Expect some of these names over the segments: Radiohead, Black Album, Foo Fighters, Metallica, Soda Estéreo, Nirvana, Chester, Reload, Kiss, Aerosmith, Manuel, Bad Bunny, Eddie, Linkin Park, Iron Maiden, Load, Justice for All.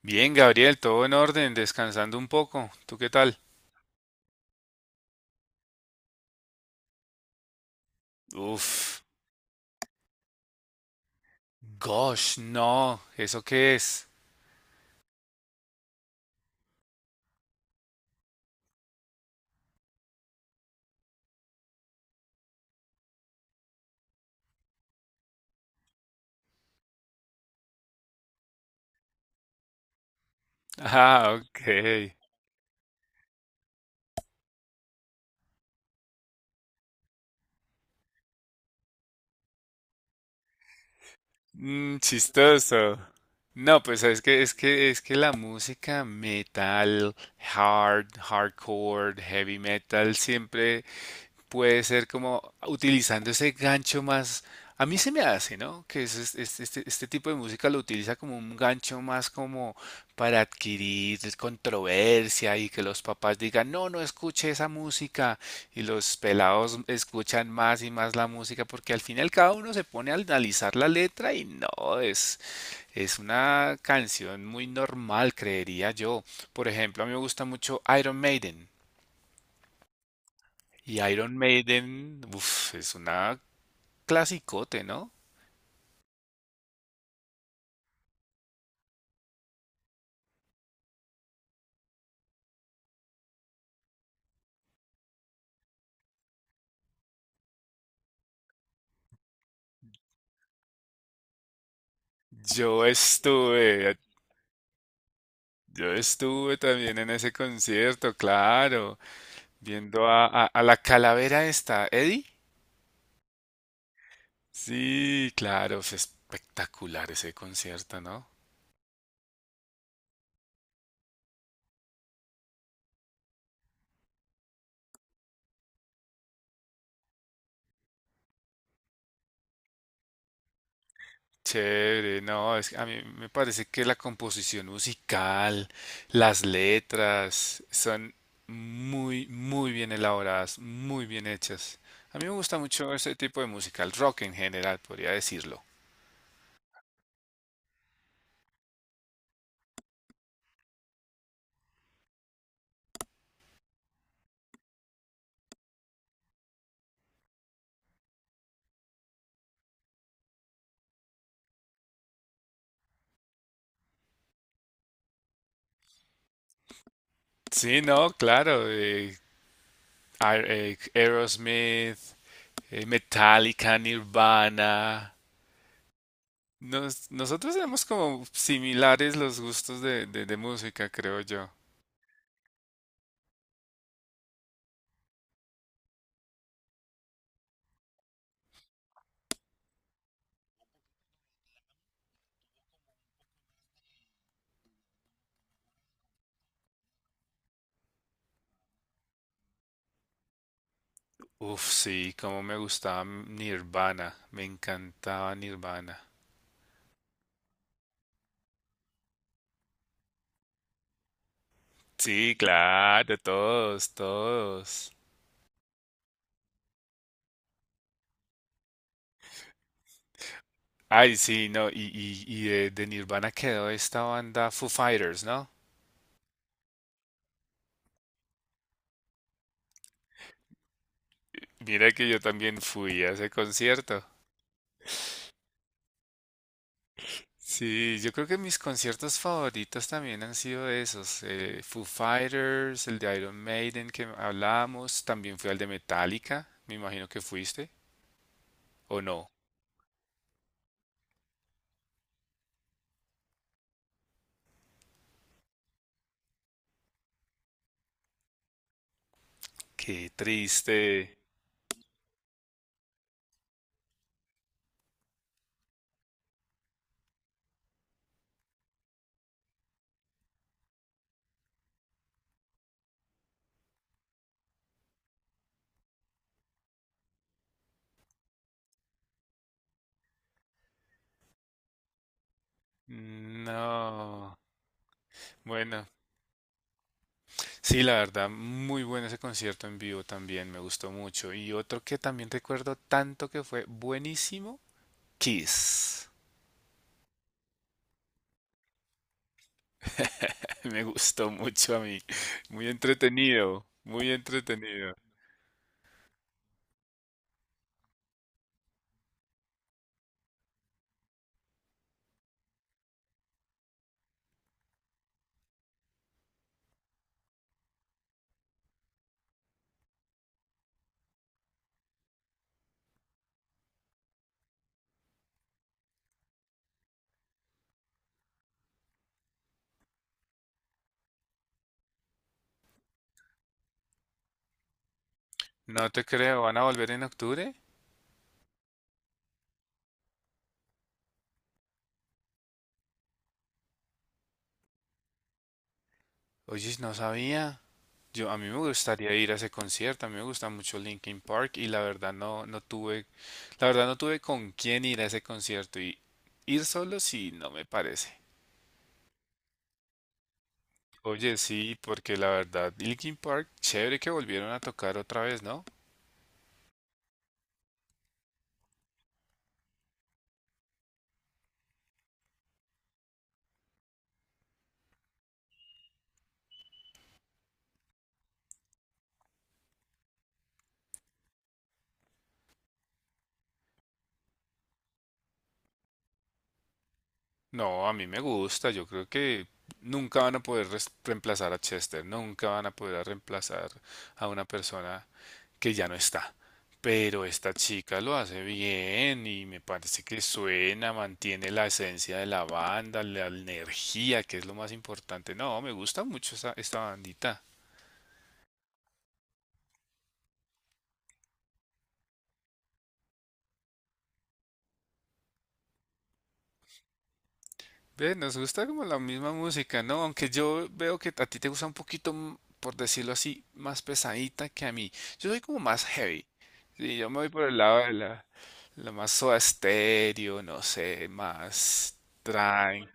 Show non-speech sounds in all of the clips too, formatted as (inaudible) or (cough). Bien, Gabriel, todo en orden, descansando un poco. ¿Tú qué tal? Uf, gosh, no, ¿eso qué es? (laughs) Ah, ok. Mm, chistoso. No, pues es que la música metal, hardcore, heavy metal siempre puede ser como utilizando ese gancho más, a mí se me hace, ¿no? Que este tipo de música lo utiliza como un gancho más, como para adquirir controversia y que los papás digan, no, no escuche esa música, y los pelados escuchan más y más la música porque al final cada uno se pone a analizar la letra y no, es una canción muy normal, creería yo. Por ejemplo, a mí me gusta mucho Iron Maiden. Y Iron Maiden, uff, es una clasicote, ¿no? Yo estuve, yo estuve también en ese concierto, claro, viendo a, a la calavera esta, Eddie. Sí, claro, fue espectacular ese concierto, ¿no? Chévere, no, es que a mí me parece que la composición musical, las letras, son muy, muy bien elaboradas, muy bien hechas. A mí me gusta mucho ese tipo de música, el rock en general, podría decirlo. Sí, no, claro, Aerosmith, Metallica, Nirvana. Nosotros tenemos como similares los gustos de, de música, creo yo. Uf, sí, cómo me gustaba Nirvana, me encantaba Nirvana. Sí, claro, todos, todos. Ay, sí, no, y de Nirvana quedó esta banda Foo Fighters, ¿no? Mira que yo también fui a ese concierto. Sí, yo creo que mis conciertos favoritos también han sido esos, Foo Fighters, el de Iron Maiden que hablábamos, también fui al de Metallica. Me imagino que fuiste, ¿o no? Qué triste. No, bueno, sí, la verdad, muy bueno ese concierto en vivo también, me gustó mucho. Y otro que también recuerdo tanto que fue buenísimo, Kiss. (laughs) Me gustó mucho a mí, muy entretenido, muy entretenido. No te creo, ¿van a volver en octubre? Oye, no sabía. Yo, a mí me gustaría ir a ese concierto, a mí me gusta mucho Linkin Park, y la verdad no, no tuve, la verdad no tuve con quién ir a ese concierto, y ir solo sí no me parece. Oye, sí, porque la verdad, Linkin Park, chévere que volvieron a tocar otra vez, ¿no? No, a mí me gusta, yo creo que nunca van a poder reemplazar a Chester, nunca van a poder reemplazar a una persona que ya no está. Pero esta chica lo hace bien y me parece que suena, mantiene la esencia de la banda, la energía, que es lo más importante. No, me gusta mucho esta, esta bandita. Ve, nos gusta como la misma música, ¿no? Aunque yo veo que a ti te gusta un poquito, por decirlo así, más pesadita que a mí. Yo soy como más heavy. Sí, yo me voy por el lado de la, la más soda estéreo, no sé, más tranqui.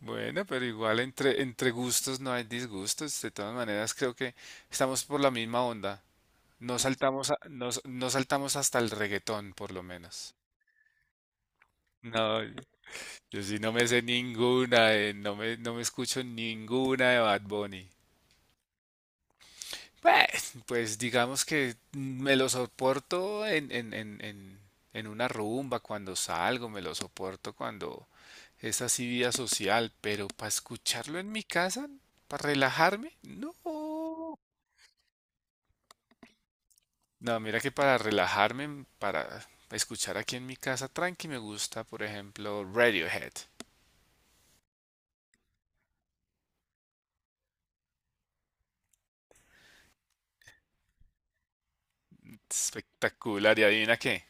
Bueno, pero igual entre, entre gustos no hay disgustos. De todas maneras, creo que estamos por la misma onda. No saltamos, no saltamos hasta el reggaetón, por lo menos. No. Yo sí no me sé ninguna, no me, no me escucho ninguna de Bad Bunny. Pues, pues digamos que me lo soporto en una rumba, cuando salgo, me lo soporto cuando es así vida social, pero para escucharlo en mi casa, para relajarme, no. No, mira que para relajarme, para escuchar aquí en mi casa tranqui, me gusta, por ejemplo, Radiohead. Espectacular, y adivina qué,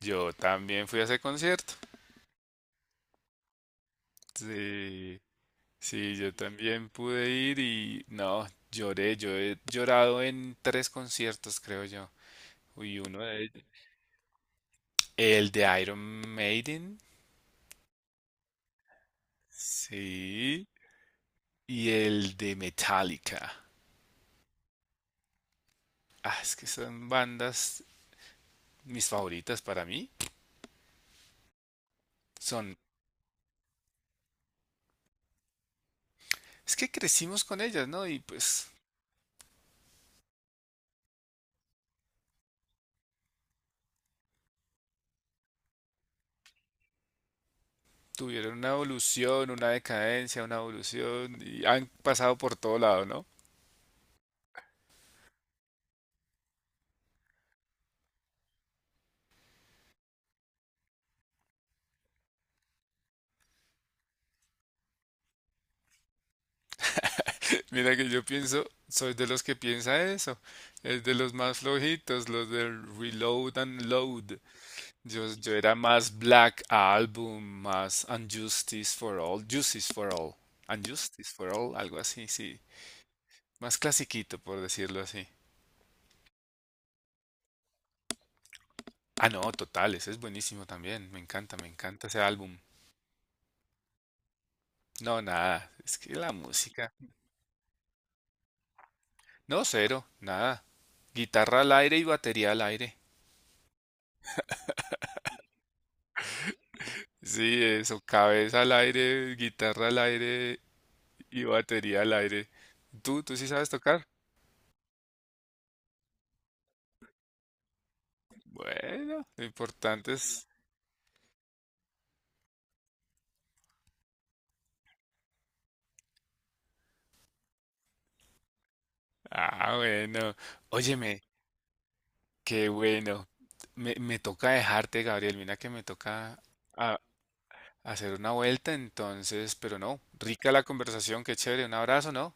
yo también fui a ese concierto. Sí, sí, yo también pude ir y no, lloré, yo he llorado en tres conciertos, creo yo. Y uno de ellos, el de Iron Maiden, sí, y el de Metallica. Ah, es que son bandas mis favoritas para mí. Son, es que crecimos con ellas, ¿no? Y pues tuvieron una evolución, una decadencia, una evolución y han pasado por todo lado, ¿no? (laughs) Mira que yo pienso, soy de los que piensa eso, es de los más flojitos, los del reload and load. Yo era más Black Album, más Unjustice for All, Justice for All, Unjustice for All, algo así, sí, más clasiquito por decirlo así. Ah, no, total, ese es buenísimo también, me encanta ese álbum. No, nada, es que la música, no, cero, nada, guitarra al aire y batería al aire. Sí, eso, cabeza al aire, guitarra al aire y batería al aire. ¿¿Tú sí sabes tocar? Bueno, lo importante es... Ah, bueno. Óyeme, qué bueno. Me toca dejarte, Gabriel. Mira que me toca a- hacer una vuelta, entonces, pero no. Rica la conversación, qué chévere. Un abrazo, ¿no?